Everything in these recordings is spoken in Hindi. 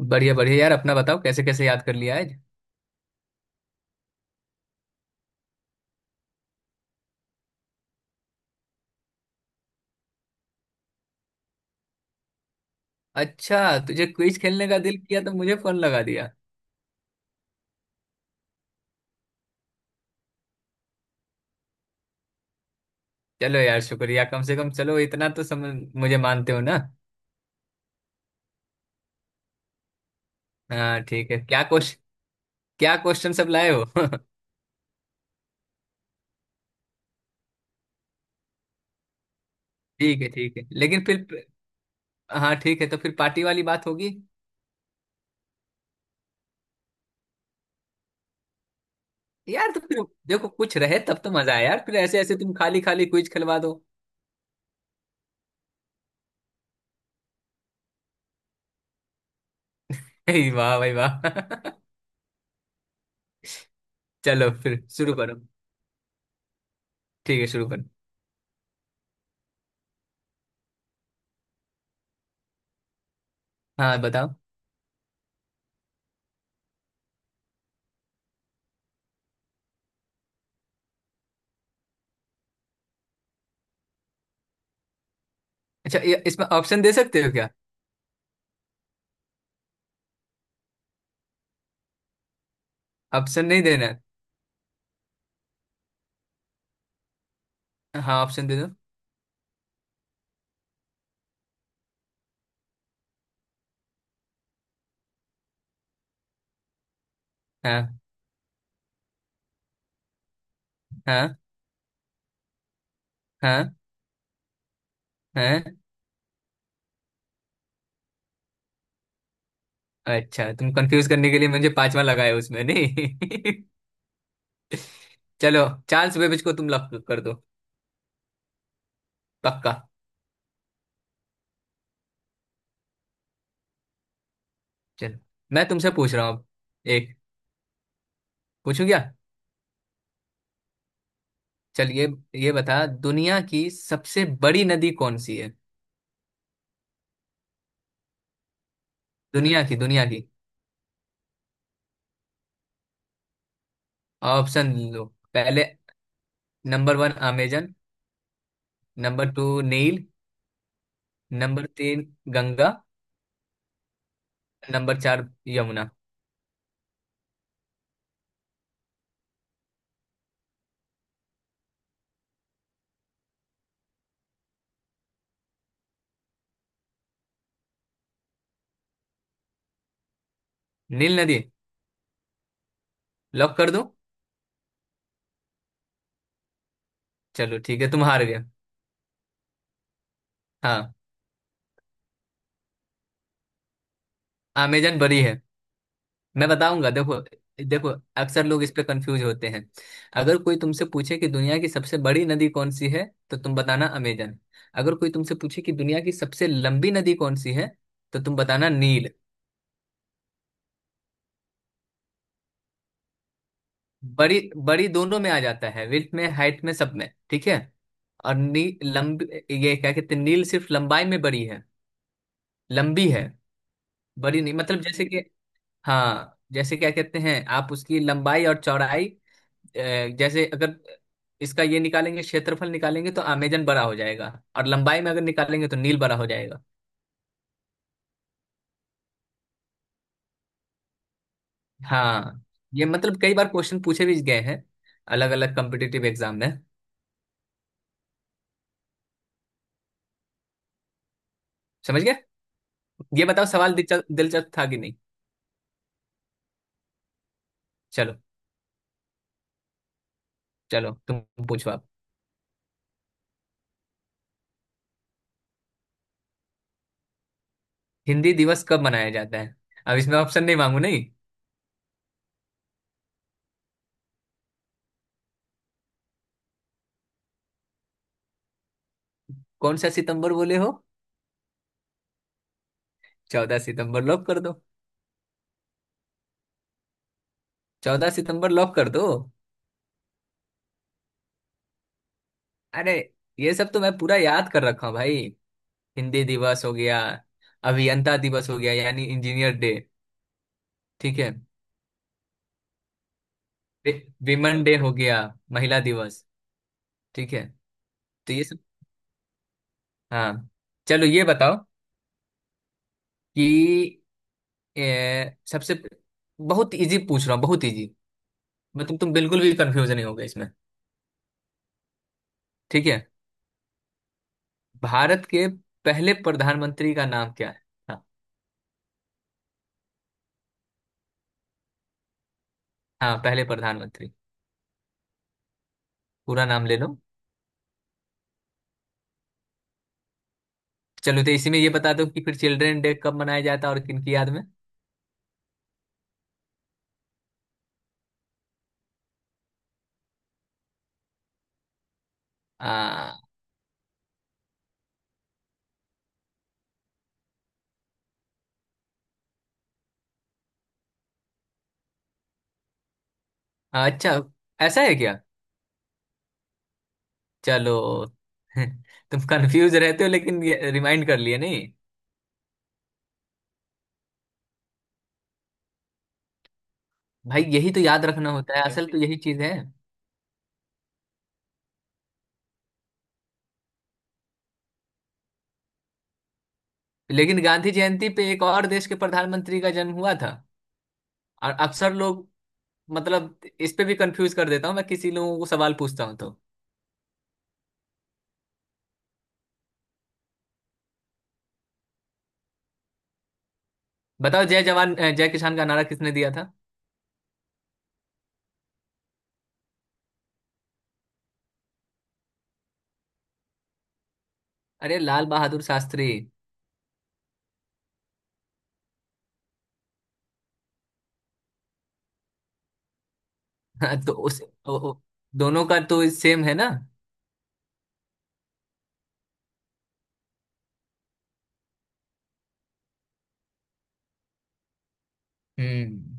बढ़िया बढ़िया यार, अपना बताओ। कैसे कैसे याद कर लिया आज? अच्छा, तुझे क्विज खेलने का दिल किया तो मुझे फोन लगा दिया। चलो यार, शुक्रिया। कम से कम चलो इतना तो समझ, मुझे मानते हो ना। हाँ ठीक है। क्या क्वेश्चन, क्या क्वेश्चन सब लाए हो। ठीक है ठीक है, लेकिन फिर हाँ ठीक है तो फिर पार्टी वाली बात होगी। यार तो फिर देखो कुछ रहे तब तो मजा आया यार, फिर ऐसे ऐसे तुम खाली खाली क्विज खिलवा दो। हे वाह भाई वाह। चलो फिर शुरू करो। ठीक है शुरू करो। हाँ बताओ। अच्छा, ये इसमें ऑप्शन दे सकते हो क्या? ऑप्शन नहीं देना है? हाँ ऑप्शन दे दो। हाँ हाँ हाँ हाँ। अच्छा तुम कंफ्यूज करने के लिए मुझे पांचवा लगाया उसमें नहीं। चलो चार्ल्स बेबेज को तुम लॉक कर दो। पक्का। चलो। मैं तुमसे पूछ रहा हूँ अब। एक पूछूं क्या? चल ये बता, दुनिया की सबसे बड़ी नदी कौन सी है? दुनिया की दुनिया की। ऑप्शन लो। पहले number one Amazon. Number two Nile. Number तीन गंगा। नंबर चार यमुना। नील नदी लॉक कर दो। चलो ठीक है तुम हार गए। हाँ। अमेजन बड़ी है। मैं बताऊंगा देखो। देखो, अक्सर लोग इस पे कंफ्यूज होते हैं। अगर कोई तुमसे पूछे कि दुनिया की सबसे बड़ी नदी कौन सी है, तो तुम बताना अमेजन। अगर कोई तुमसे पूछे कि दुनिया की सबसे लंबी नदी कौन सी है, तो तुम बताना नील। बड़ी बड़ी दोनों में आ जाता है, विड्थ में हाइट में सब में, ठीक है। और नी लंबी ये क्या कहते हैं, नील सिर्फ लंबाई में बड़ी है, लंबी है। बड़ी नहीं, मतलब जैसे कि हाँ, जैसे क्या कहते हैं आप उसकी लंबाई और चौड़ाई। अ, जैसे अगर इसका ये निकालेंगे, क्षेत्रफल निकालेंगे तो अमेजन बड़ा हो जाएगा। और लंबाई में अगर निकालेंगे तो नील बड़ा हो जाएगा। हाँ ये मतलब कई बार क्वेश्चन पूछे भी गए हैं अलग अलग कॉम्पिटिटिव एग्जाम में। समझ गए? ये बताओ सवाल दिलचस्प दिलचस्प था कि नहीं। चलो। चलो तुम पूछो आप। हिंदी दिवस कब मनाया जाता है? अब इसमें ऑप्शन नहीं मांगू नहीं। कौन सा सितंबर बोले हो? चौदह सितंबर लॉक कर दो। चौदह सितंबर लॉक कर दो। अरे ये सब तो मैं पूरा याद कर रखा हूँ भाई। हिंदी दिवस हो गया, अभियंता दिवस हो गया यानी इंजीनियर डे। ठीक है। विमेन डे हो गया, महिला दिवस। ठीक है तो ये सब। हाँ चलो ये बताओ कि सबसे बहुत इजी पूछ रहा हूँ, बहुत इजी। मैं तुम बिल्कुल भी कंफ्यूज नहीं होगे इसमें। ठीक है। भारत के पहले प्रधानमंत्री का नाम क्या है? हाँ। हाँ पहले प्रधानमंत्री। पूरा नाम ले लो। चलो तो इसी में ये बता दो कि फिर चिल्ड्रन डे कब मनाया जाता है और किन की याद में। आ, अच्छा ऐसा है क्या। चलो। तुम कंफ्यूज रहते हो लेकिन रिमाइंड कर लिए नहीं। भाई यही तो याद रखना होता है, असल तो यही चीज है। लेकिन गांधी जयंती पे एक और देश के प्रधानमंत्री का जन्म हुआ था। और अक्सर लोग मतलब इस पे भी कंफ्यूज कर देता हूँ मैं, किसी लोगों को सवाल पूछता हूँ तो बताओ जय जवान जय किसान का नारा किसने दिया था? अरे लाल बहादुर शास्त्री। तो उस ओ, ओ, दोनों का तो सेम है ना। हम्म।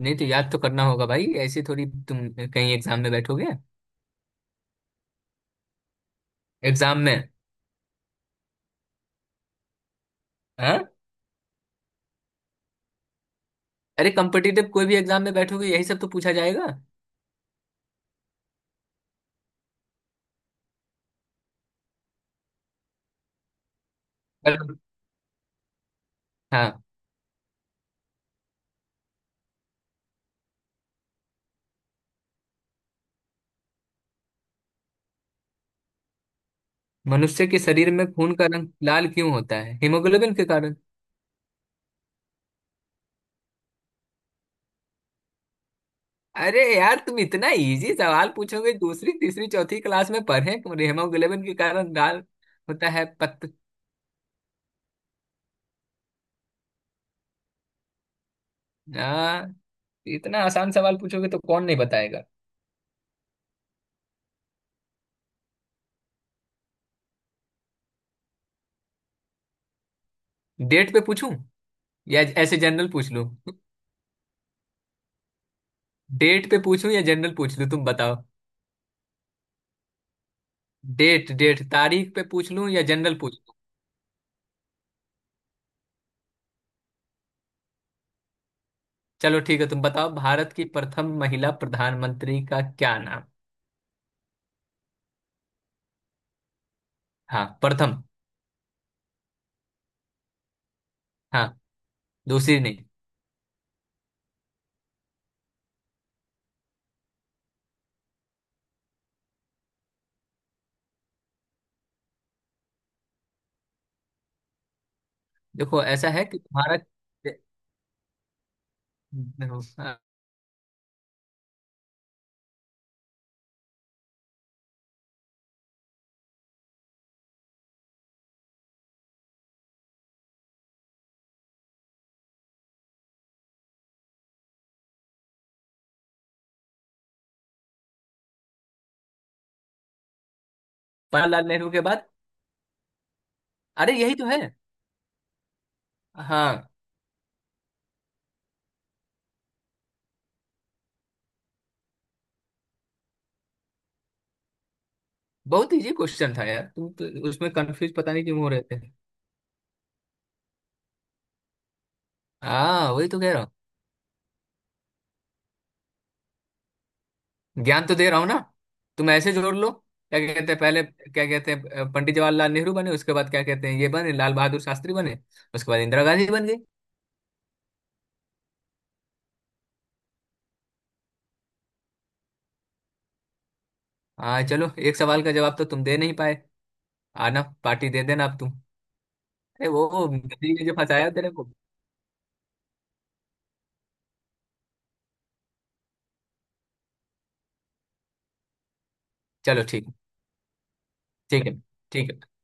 नहीं तो याद तो करना होगा भाई, ऐसे थोड़ी तुम कहीं एग्जाम में बैठोगे। एग्जाम में। हाँ? अरे कॉम्पिटिटिव कोई भी एग्जाम में बैठोगे यही सब तो पूछा जाएगा। पर हाँ मनुष्य के शरीर में खून का रंग लाल क्यों होता है? हीमोग्लोबिन के कारण। अरे यार तुम इतना इजी सवाल पूछोगे, दूसरी तीसरी चौथी क्लास में पढ़े। हीमोग्लोबिन के कारण लाल होता है पत्त हाँ इतना आसान सवाल पूछोगे तो कौन नहीं बताएगा। डेट पे पूछूं या ऐसे जनरल पूछ लूं? डेट पे पूछूं या जनरल पूछ लूं तुम बताओ। डेट डेट तारीख पे पूछ लूं या जनरल पूछ। चलो ठीक है तुम बताओ भारत की प्रथम महिला प्रधानमंत्री का क्या नाम। हाँ प्रथम। हाँ दूसरी नहीं। देखो ऐसा है कि तुम्हारा हाँ, जवाहरलाल नेहरू के बाद अरे यही तो है। हाँ। बहुत इजी क्वेश्चन था यार, तुम तो उसमें कंफ्यूज पता नहीं क्यों हो रहे थे। हाँ वही तो कह रहा हूँ। ज्ञान तो दे रहा हूँ ना। तुम ऐसे जोड़ लो, क्या कहते हैं, पहले क्या कहते हैं पंडित जवाहरलाल नेहरू बने, उसके बाद क्या कहते हैं ये बने लाल बहादुर शास्त्री बने, उसके बाद इंदिरा गांधी बन गई। हाँ चलो एक सवाल का जवाब तो तुम दे नहीं पाए, आना पार्टी दे देना अब तुम। अरे वो गधे ने जो फंसाया तेरे को। चलो ठीक ठीक है। ठीक है।